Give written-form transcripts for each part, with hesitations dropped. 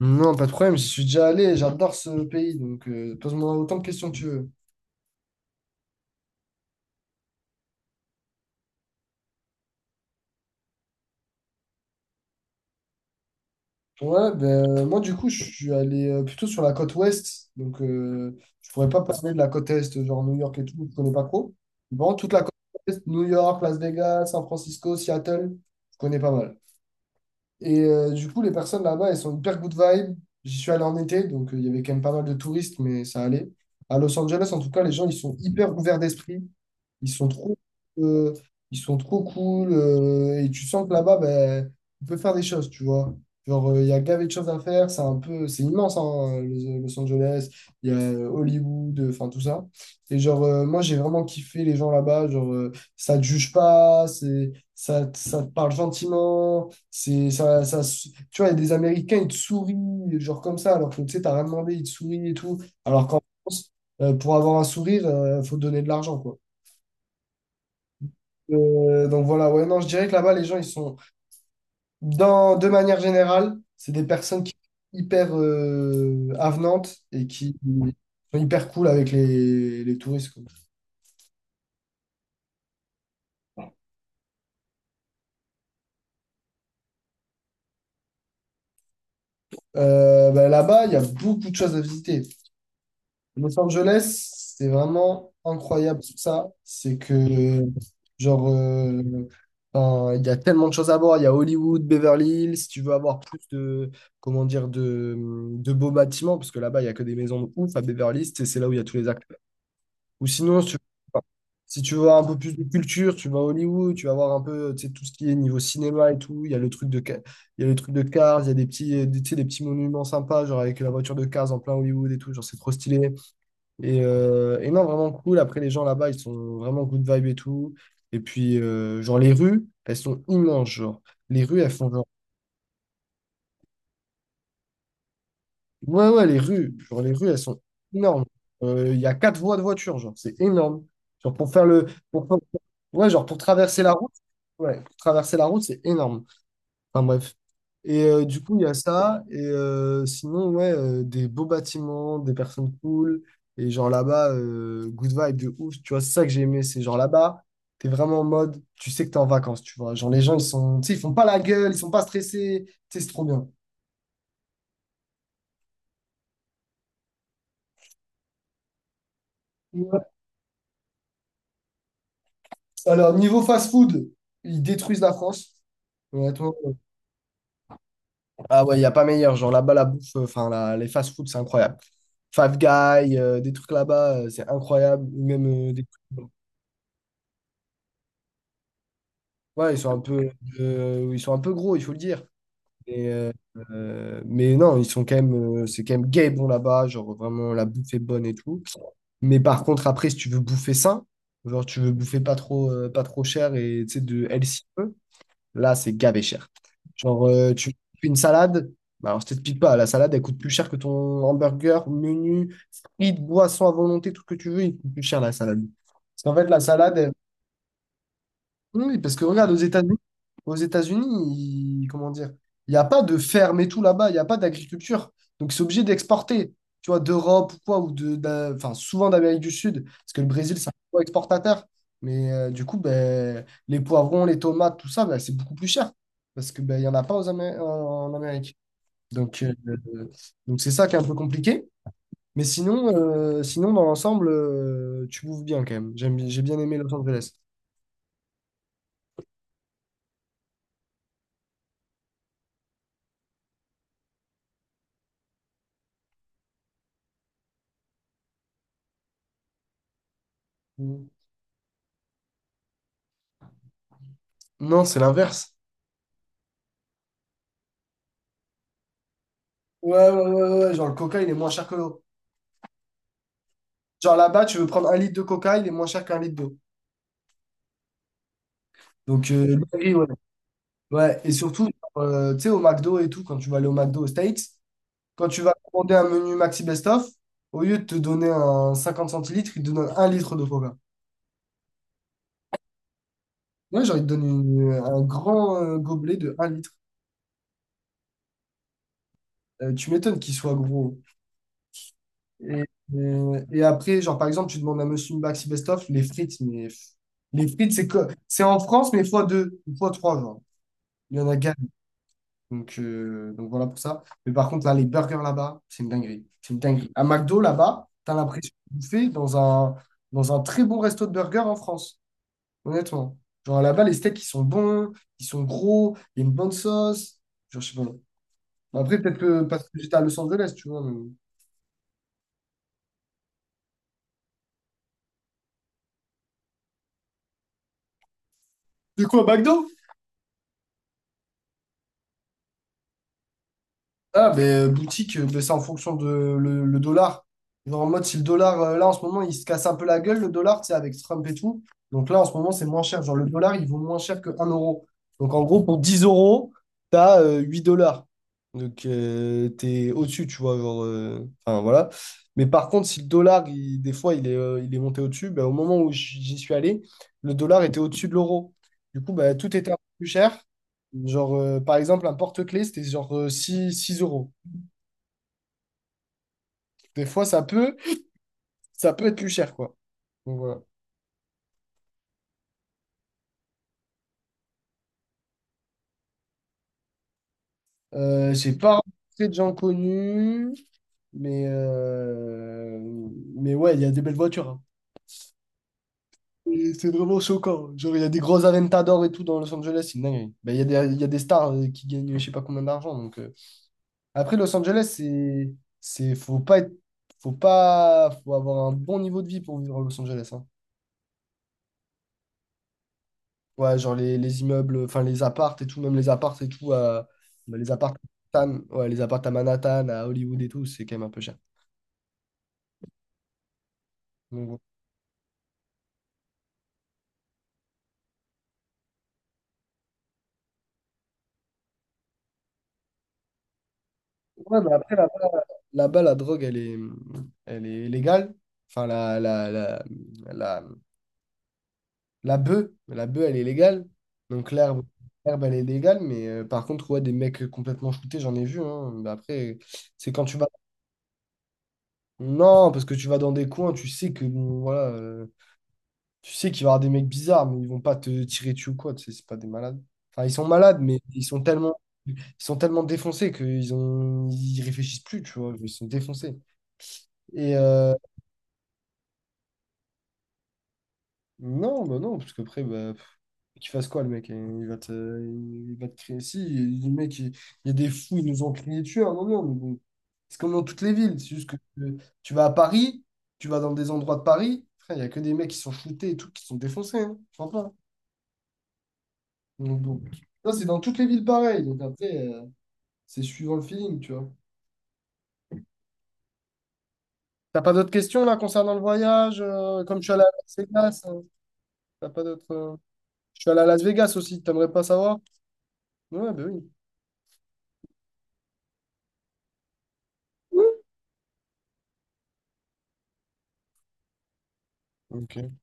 Non, pas de problème, j'y suis déjà allé, j'adore ce pays, donc pose-moi autant de questions que tu veux. Ouais, ben, moi du coup, je suis allé plutôt sur la côte ouest, donc je pourrais pas parler de la côte est, genre New York et tout, je connais pas trop. Bon, toute la côte est, New York, Las Vegas, San Francisco, Seattle, je connais pas mal. Et du coup, les personnes là-bas, elles sont hyper good vibe. J'y suis allé en été, donc il y avait quand même pas mal de touristes, mais ça allait. À Los Angeles, en tout cas, les gens, ils sont hyper ouverts d'esprit. Ils sont trop, euh, ils sont trop cool. Et tu sens que là-bas, ben, on peut faire des choses, tu vois. Genre, il y a gavé de choses à faire. C'est un peu, c'est immense, hein, Los Angeles. Il y a Hollywood, enfin tout ça. Et genre, moi, j'ai vraiment kiffé les gens là-bas. Genre, ça te juge pas, ça, ça te parle gentiment. C'est ça, ça, tu vois, il y a des Américains, ils te sourient, genre comme ça, alors que tu sais, t'as rien demandé, ils te sourient et tout. Alors qu'en France, pour avoir un sourire, faut donner de l'argent, quoi. Donc voilà, ouais, non, je dirais que là-bas, les gens, ils sont, dans, de manière générale, c'est des personnes qui sont hyper avenantes et qui sont hyper cool avec les touristes, quoi. Bah, là-bas, il y a beaucoup de choses à visiter. Los Angeles, c'est vraiment incroyable sur ça. C'est que, genre, enfin, il y a tellement de choses à voir. Il y a Hollywood, Beverly Hills. Si tu veux avoir plus de, comment dire, de beaux bâtiments, parce que là-bas, il y a que des maisons de ouf à Beverly Hills, et c'est là où il y a tous les acteurs. Ou sinon, si tu veux un peu plus de culture, tu vas à Hollywood, tu vas voir un peu, tu sais, tout ce qui est niveau cinéma et tout. Il y a le truc de Cars, il y a des petits, des, tu sais, des petits monuments sympas, genre avec la voiture de Cars en plein Hollywood et tout. Genre, c'est trop stylé. Et non, vraiment cool. Après, les gens là-bas, ils sont vraiment good vibe et tout. Et puis, genre, les rues, elles sont immenses, genre. Les rues, elles font genre... Ouais, ouais, les rues. Genre, les rues, elles sont énormes. Il y a quatre voies de voiture, genre. C'est énorme. Genre, pour faire le... pour- Ouais, genre, pour traverser la route. Ouais, pour traverser la route, c'est énorme. Enfin bref. Et du coup, il y a ça. Et sinon, ouais, des beaux bâtiments, des personnes cool. Et genre là-bas, good vibe de ouf. Tu vois, c'est ça que j'ai aimé. C'est genre là-bas, t'es vraiment en mode, tu sais que t'es en vacances, tu vois. Genre les gens, ils sont, tu sais, ils font pas la gueule, ils sont pas stressés. Tu sais, c'est trop bien. Ouais. Alors, niveau fast-food, ils détruisent la France. Honnêtement. Ah ouais, il n'y a pas meilleur. Genre là-bas, la bouffe, enfin, les fast-food, c'est incroyable. Five Guys, des trucs là-bas, c'est incroyable. Ou même des trucs. Ouais, ils sont un peu gros, il faut le dire. Mais, euh, mais non, ils sont quand même, c'est quand même gay bon là-bas, genre vraiment la bouffe est bonne et tout. Mais par contre, après, si tu veux bouffer sain, genre tu veux bouffer pas trop, pas trop cher et tu sais, de healthy peu, là, c'est gavé cher. Genre, tu fais une salade, bah, alors je t'explique pas, la salade, elle coûte plus cher que ton hamburger, menu, frites, boissons à volonté, tout ce que tu veux, il coûte plus cher la salade. Parce qu'en fait, la salade, elle oui, oui, parce que regarde, aux États-Unis, comment dire, il n'y a pas de ferme et tout là-bas, il n'y a pas d'agriculture. Donc, c'est obligé d'exporter, tu vois, d'Europe ou quoi, enfin, souvent d'Amérique du Sud, parce que le Brésil, c'est un gros exportateur. Mais du coup, ben, les poivrons, les tomates, tout ça, ben, c'est beaucoup plus cher, parce que ben, il n'y en a pas en Amérique. Donc, euh, donc c'est ça qui est un peu compliqué. Mais sinon dans l'ensemble, tu bouffes bien quand même. J'ai bien aimé Los Angeles. Mm. Non, c'est l'inverse. Ouais, ouais, ouais, ouais, ouais, genre le coca, il est moins cher que l'eau. Genre là-bas, tu veux prendre un litre de coca, il est moins cher qu'un litre d'eau. Donc, dinguerie, ouais. Ouais, et surtout, tu sais, au McDo et tout, quand tu vas aller au McDo aux States, quand tu vas commander un menu Maxi Best Of, au lieu de te donner un 50 centilitres, ils te donnent un litre de coca. Moi, genre, ils te donnent un grand gobelet de un litre. Tu m'étonnes qu'il soit gros. Et, et après, genre, par exemple, tu demandes à Monsieur Maxi Best Of les frites, mais pff, les frites, c'est en France, mais fois deux, fois trois, genre. Il y en a gagne. Donc voilà pour ça. Mais par contre, là, les burgers là-bas, c'est une dinguerie. C'est une dinguerie. À McDo, là-bas, t'as l'impression de bouffer dans un très bon resto de burgers en France. Honnêtement. Genre là-bas, les steaks, ils sont bons, ils sont gros, il y a une bonne sauce. Genre, je sais pas. Bon, après, peut-être que parce que j'étais à Los Angeles, tu vois. Mais- De quoi, McDo? Ah, ben, boutique, ben, c'est en fonction de le dollar. Genre, en mode, si le dollar, là, en ce moment, il se casse un peu la gueule, le dollar, tu sais, avec Trump et tout. Donc là, en ce moment, c'est moins cher. Genre, le dollar, il vaut moins cher que un euro. Donc, en gros, pour 10 euros, t'as as 8 dollars. Donc, t'es au-dessus, tu vois. Genre, enfin, voilà. Mais par contre, si le dollar, des fois, il est monté au-dessus, ben, au moment où j'y suis allé, le dollar était au-dessus de l'euro. Du coup, ben, tout était un peu plus cher. Genre, par exemple, un porte-clés, c'était genre 6 6 euros. Des fois, ça peut être plus cher, quoi. Donc, voilà. J'ai pas rencontré de gens connus, mais, mais ouais, il y a des belles voitures, hein. Et c'est vraiment choquant. Genre, il y a des gros Aventador et tout dans Los Angeles, c'est une dinguerie. Ben, il y a des stars qui gagnent je sais pas combien d'argent. Donc. Après, Los Angeles, faut pas être, faut pas, faut avoir un bon niveau de vie pour vivre à Los Angeles, hein. Ouais, genre les immeubles, enfin les appartes et tout, même les appartes et tout, à, bah, les appartes à Manhattan, ouais, les appartes à Manhattan, à Hollywood et tout, c'est quand même un peu cher. Donc, voilà. Ouais, mais après, là-bas, là-bas, la drogue, elle est légale. Enfin, la, la bœuf, elle est légale. Donc, l'herbe, elle est légale. Mais par contre, ouais, des mecs complètement shootés, j'en ai vu, hein. Mais après, c'est quand tu vas. Non, parce que tu vas dans des coins, tu sais que, bon, voilà. Tu sais qu'il va y avoir des mecs bizarres, mais ils vont pas te tirer dessus ou quoi, tu sais, c'est pas des malades. Enfin, ils sont malades, mais ils sont tellement défoncés ils réfléchissent plus, tu vois, ils sont défoncés. Et non, bah non, parce qu'après, bah, pff, qu'il fasse quoi, le mec, hein? Il va te crier. Si, le mec, il y a des fous, ils nous ont crié dessus à un moment, mais bon. C'est comme dans toutes les villes, c'est juste que tu vas à Paris, tu vas dans des endroits de Paris, frère, il y a que des mecs qui sont shootés et tout, qui sont défoncés, hein, franchement. Donc, bon. Ça, c'est dans toutes les villes pareilles. Donc après, c'est suivant le feeling, tu vois. T'as pas d'autres questions là concernant le voyage? Comme je suis allé à Las Vegas, hein, t'as pas d'autres. Je suis allé à Las Vegas aussi, t'aimerais pas savoir? Ouais, ben oui. Oui. Ok.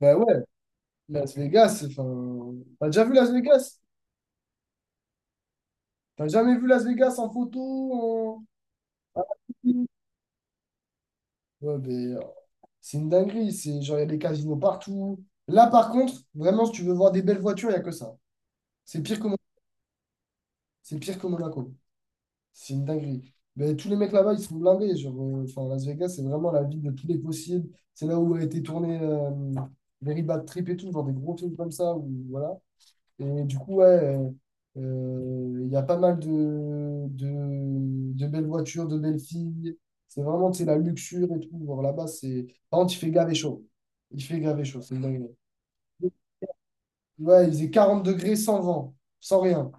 Ben ouais, Las Vegas, enfin. T'as déjà vu Las Vegas? T'as jamais vu Las Vegas en photo? Ouais, ben, c'est une dinguerie. C'est genre, il y a des casinos partout. Là, par contre, vraiment, si tu veux voir des belles voitures, il n'y a que ça. C'est pire que Mon- c'est pire que Monaco. C'est une dinguerie. Mais tous les mecs là-bas, ils sont blindés. Genre, enfin, Las Vegas, c'est vraiment la ville de tous les possibles. C'est là où a été tourné Very Bad Trip et tout, genre des gros films comme ça. Où, voilà. Et du coup, ouais, il y a pas mal de belles voitures, de belles filles. C'est vraiment, tu sais, la luxure et tout. Genre, là-bas, c'est... Par contre, il fait grave et chaud. Il fait grave et chaud, c'est une dinguerie. Ouais, il faisait 40 degrés sans vent, sans rien.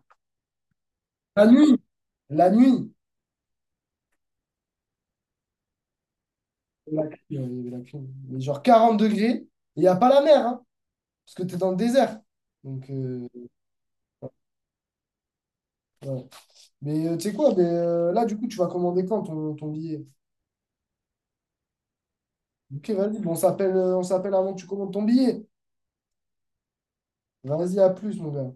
La nuit, la nuit. La clim, ouais, il y avait la clim. Mais genre 40 degrés, et il n'y a pas la mer, hein, parce que tu es dans le désert. Donc, ouais. Mais tu sais quoi, là, du coup, tu vas commander quand ton billet? Ok, vas-y, bon, on s'appelle avant que tu commandes ton billet. Vas-y, à plus, mon gars.